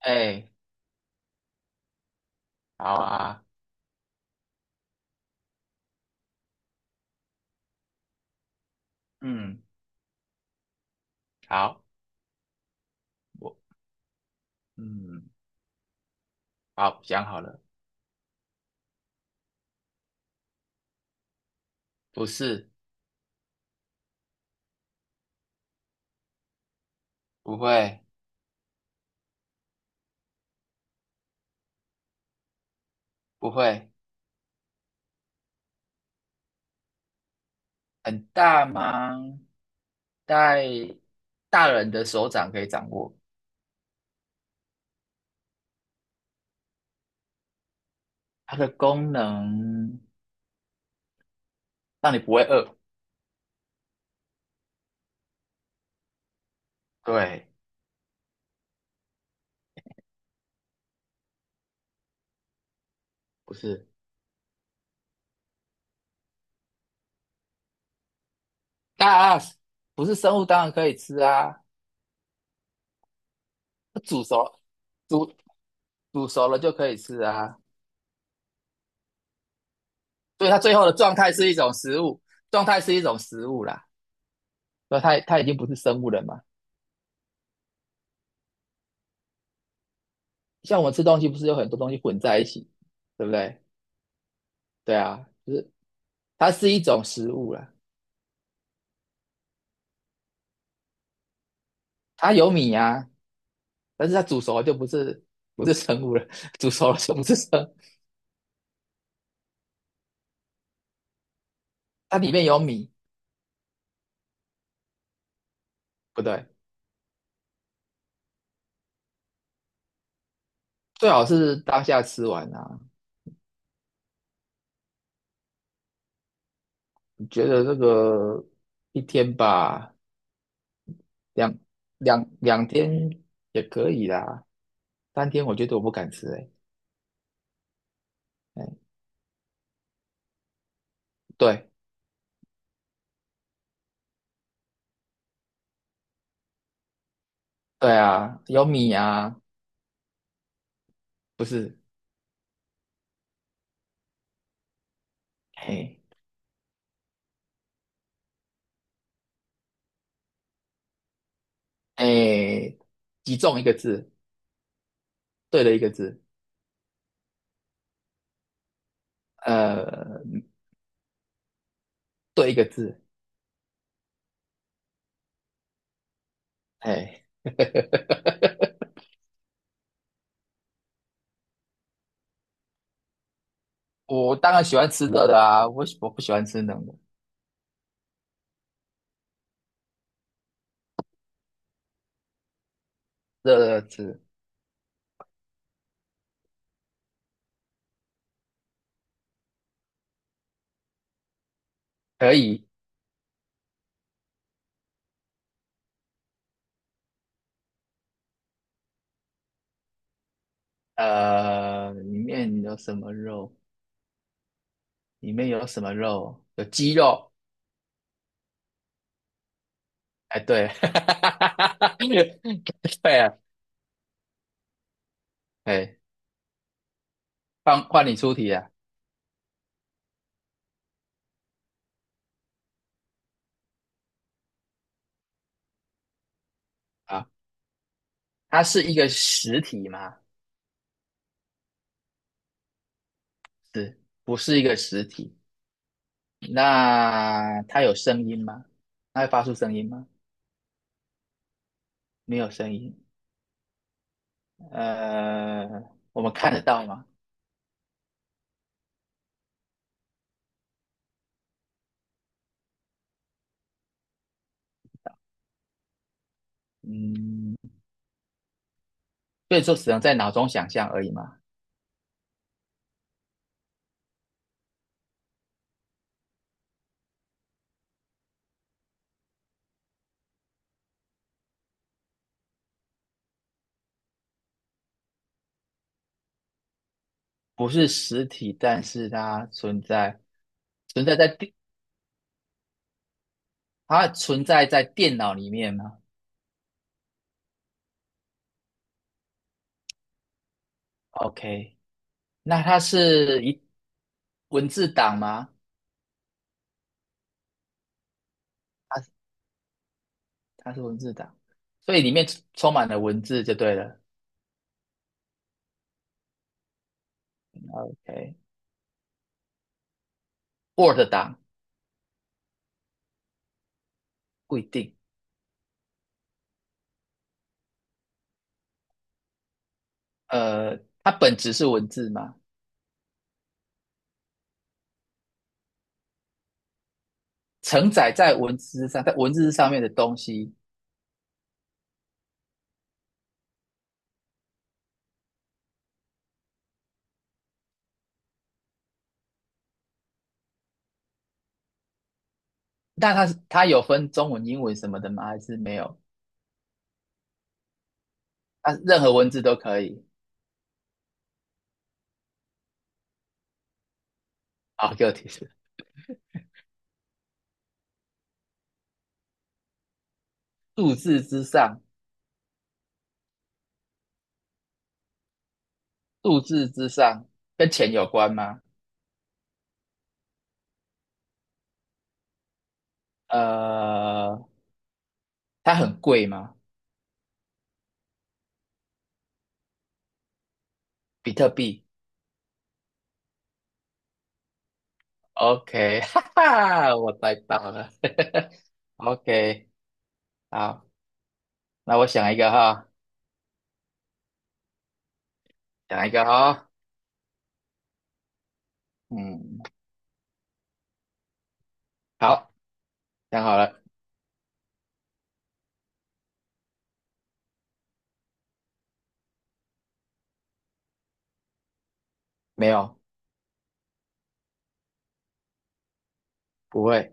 哎，好啊，嗯，好，我嗯，好，想好了，不是，不会，不会，很大吗？在大人的手掌可以掌握，它的功能让你不会饿。对，不是，大不是生物，当然可以吃啊，煮熟了煮煮熟了就可以吃啊。所以它最后的状态是一种食物，状态是一种食物啦。那它已经不是生物了嘛？像我们吃东西不是有很多东西混在一起，对不对？对啊，就是它是一种食物啦，它有米啊，但是它煮熟了就不是生物了，煮熟了就不是生物，它里面有米，不对，最好是当下吃完啊。我觉得这个1天吧，两两天也可以啦，3天我觉得我不敢吃、欸，哎，对对啊，有米啊，不是，哎哎，集中一个字。对了一个字，呃，对一个字，哎，我当然喜欢吃热的啊，我不喜欢吃冷的，热的吃可以，里面有什么肉？里面有什么肉？有鸡肉，哎，对，对啊，哎，换换你出题啊，啊，它是一个实体吗？是，不是一个实体？那它有声音吗？它会发出声音吗？没有声音。呃，我们看得到吗？嗯，所以说只能在脑中想象而已嘛，不是实体，但是它存在，存在在电，它存在在电脑里面吗？OK，那它是文字档吗？它它是文字档，所以里面充满了文字就对了。OK，Word 档不一定，呃，它本质是文字吗？承载在文字上，在文字上面的东西那它有分中文、英文什么的吗？还是没有？它任何文字都可以。好，给我提示。数字之上，数字之上跟钱有关吗？呃，它很贵吗？比特币？OK，哈哈，我猜到了。OK，好，那我想一个哈，想一个哈。嗯，好，想好了。没有？不会。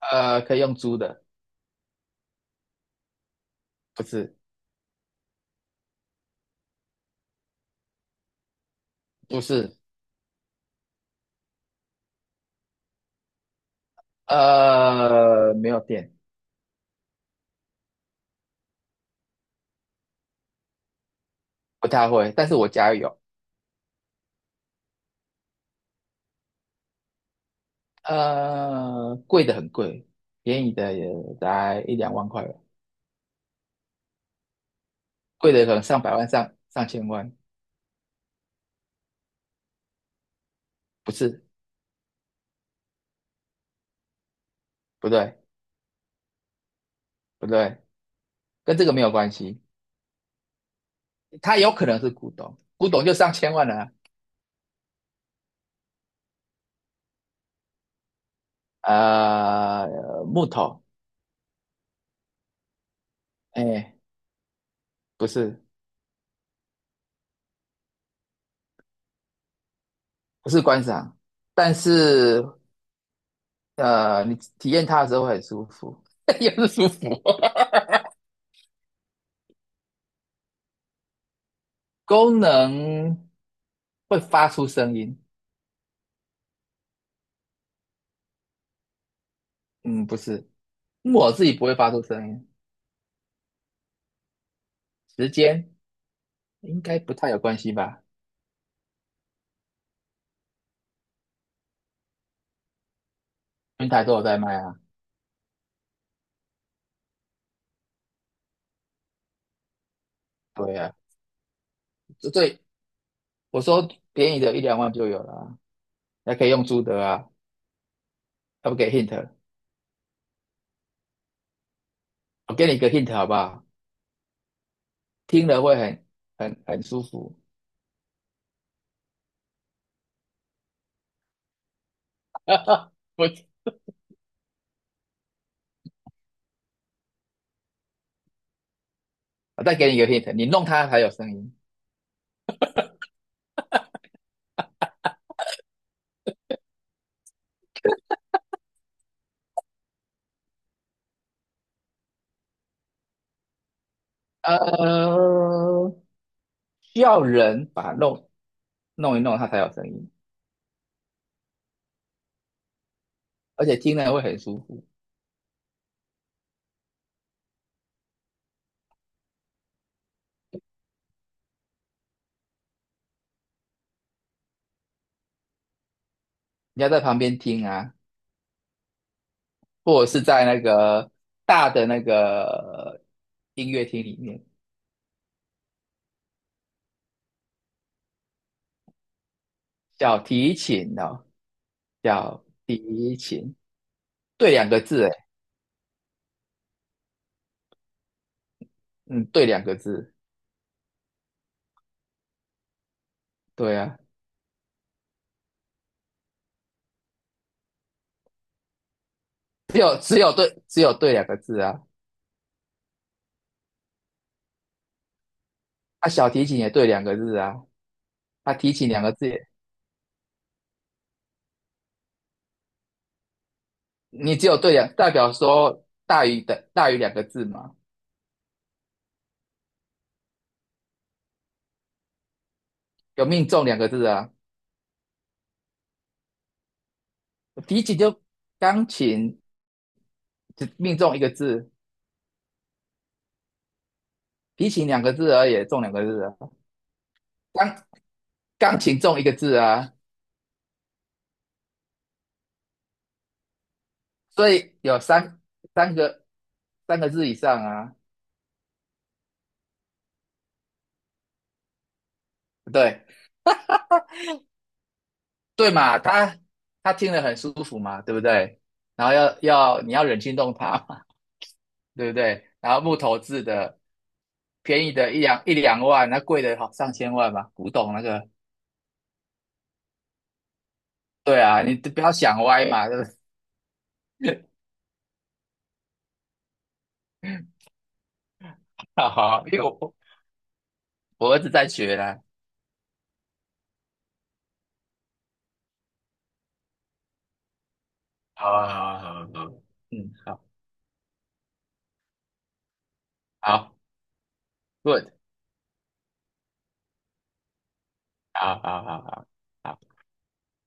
可以用租的，不是，不是。没有电。不太会，但是我家有，贵的很贵，便宜的也才一两万块吧，贵的可能上百万、上千万，不是，不对，不对，跟这个没有关系，它有可能是古董，古董就上千万了。木头，哎，不是，不是观赏，但是你体验它的时候会很舒服，也是舒服，功能会发出声音，嗯，不是。我自己不会发出声音，时间应该不太有关系吧？平台都有在卖啊，对啊，这最我说便宜的一两万就有了啊，还可以用租的啊，要不给 hint，我给你一个 hint 好不好？听了会很舒服。不，我再给你一个 hint，你弄它才有声音。呃，需要人把它弄一弄，它才有声音，而且听了会很舒服。你要在旁边听啊，或者是在那个大的那个音乐厅里面，小提琴哦，小提琴，对两个字，诶，嗯，对两个字，对啊，只有对两个字啊，啊，小提琴也对两个字啊，啊，提琴两个字也，你只有对两，代表说大于两个字嘛，有命中两个字啊，提琴就钢琴就命中一个字，提琴两个字而已，中两个字啊。钢钢琴中一个字啊，所以有三个三个字以上啊，对对嘛，他听了很舒服嘛，对不对？然后你要忍心动他嘛，对不对？然后木头制的，便宜的一两万，那贵的好上千万嘛，古董那个，对啊，你不要想歪嘛，对不对？好好，因为我儿子在学啦，好啊，好啊，好啊，好啊，嗯，好，好，good，好好好好好。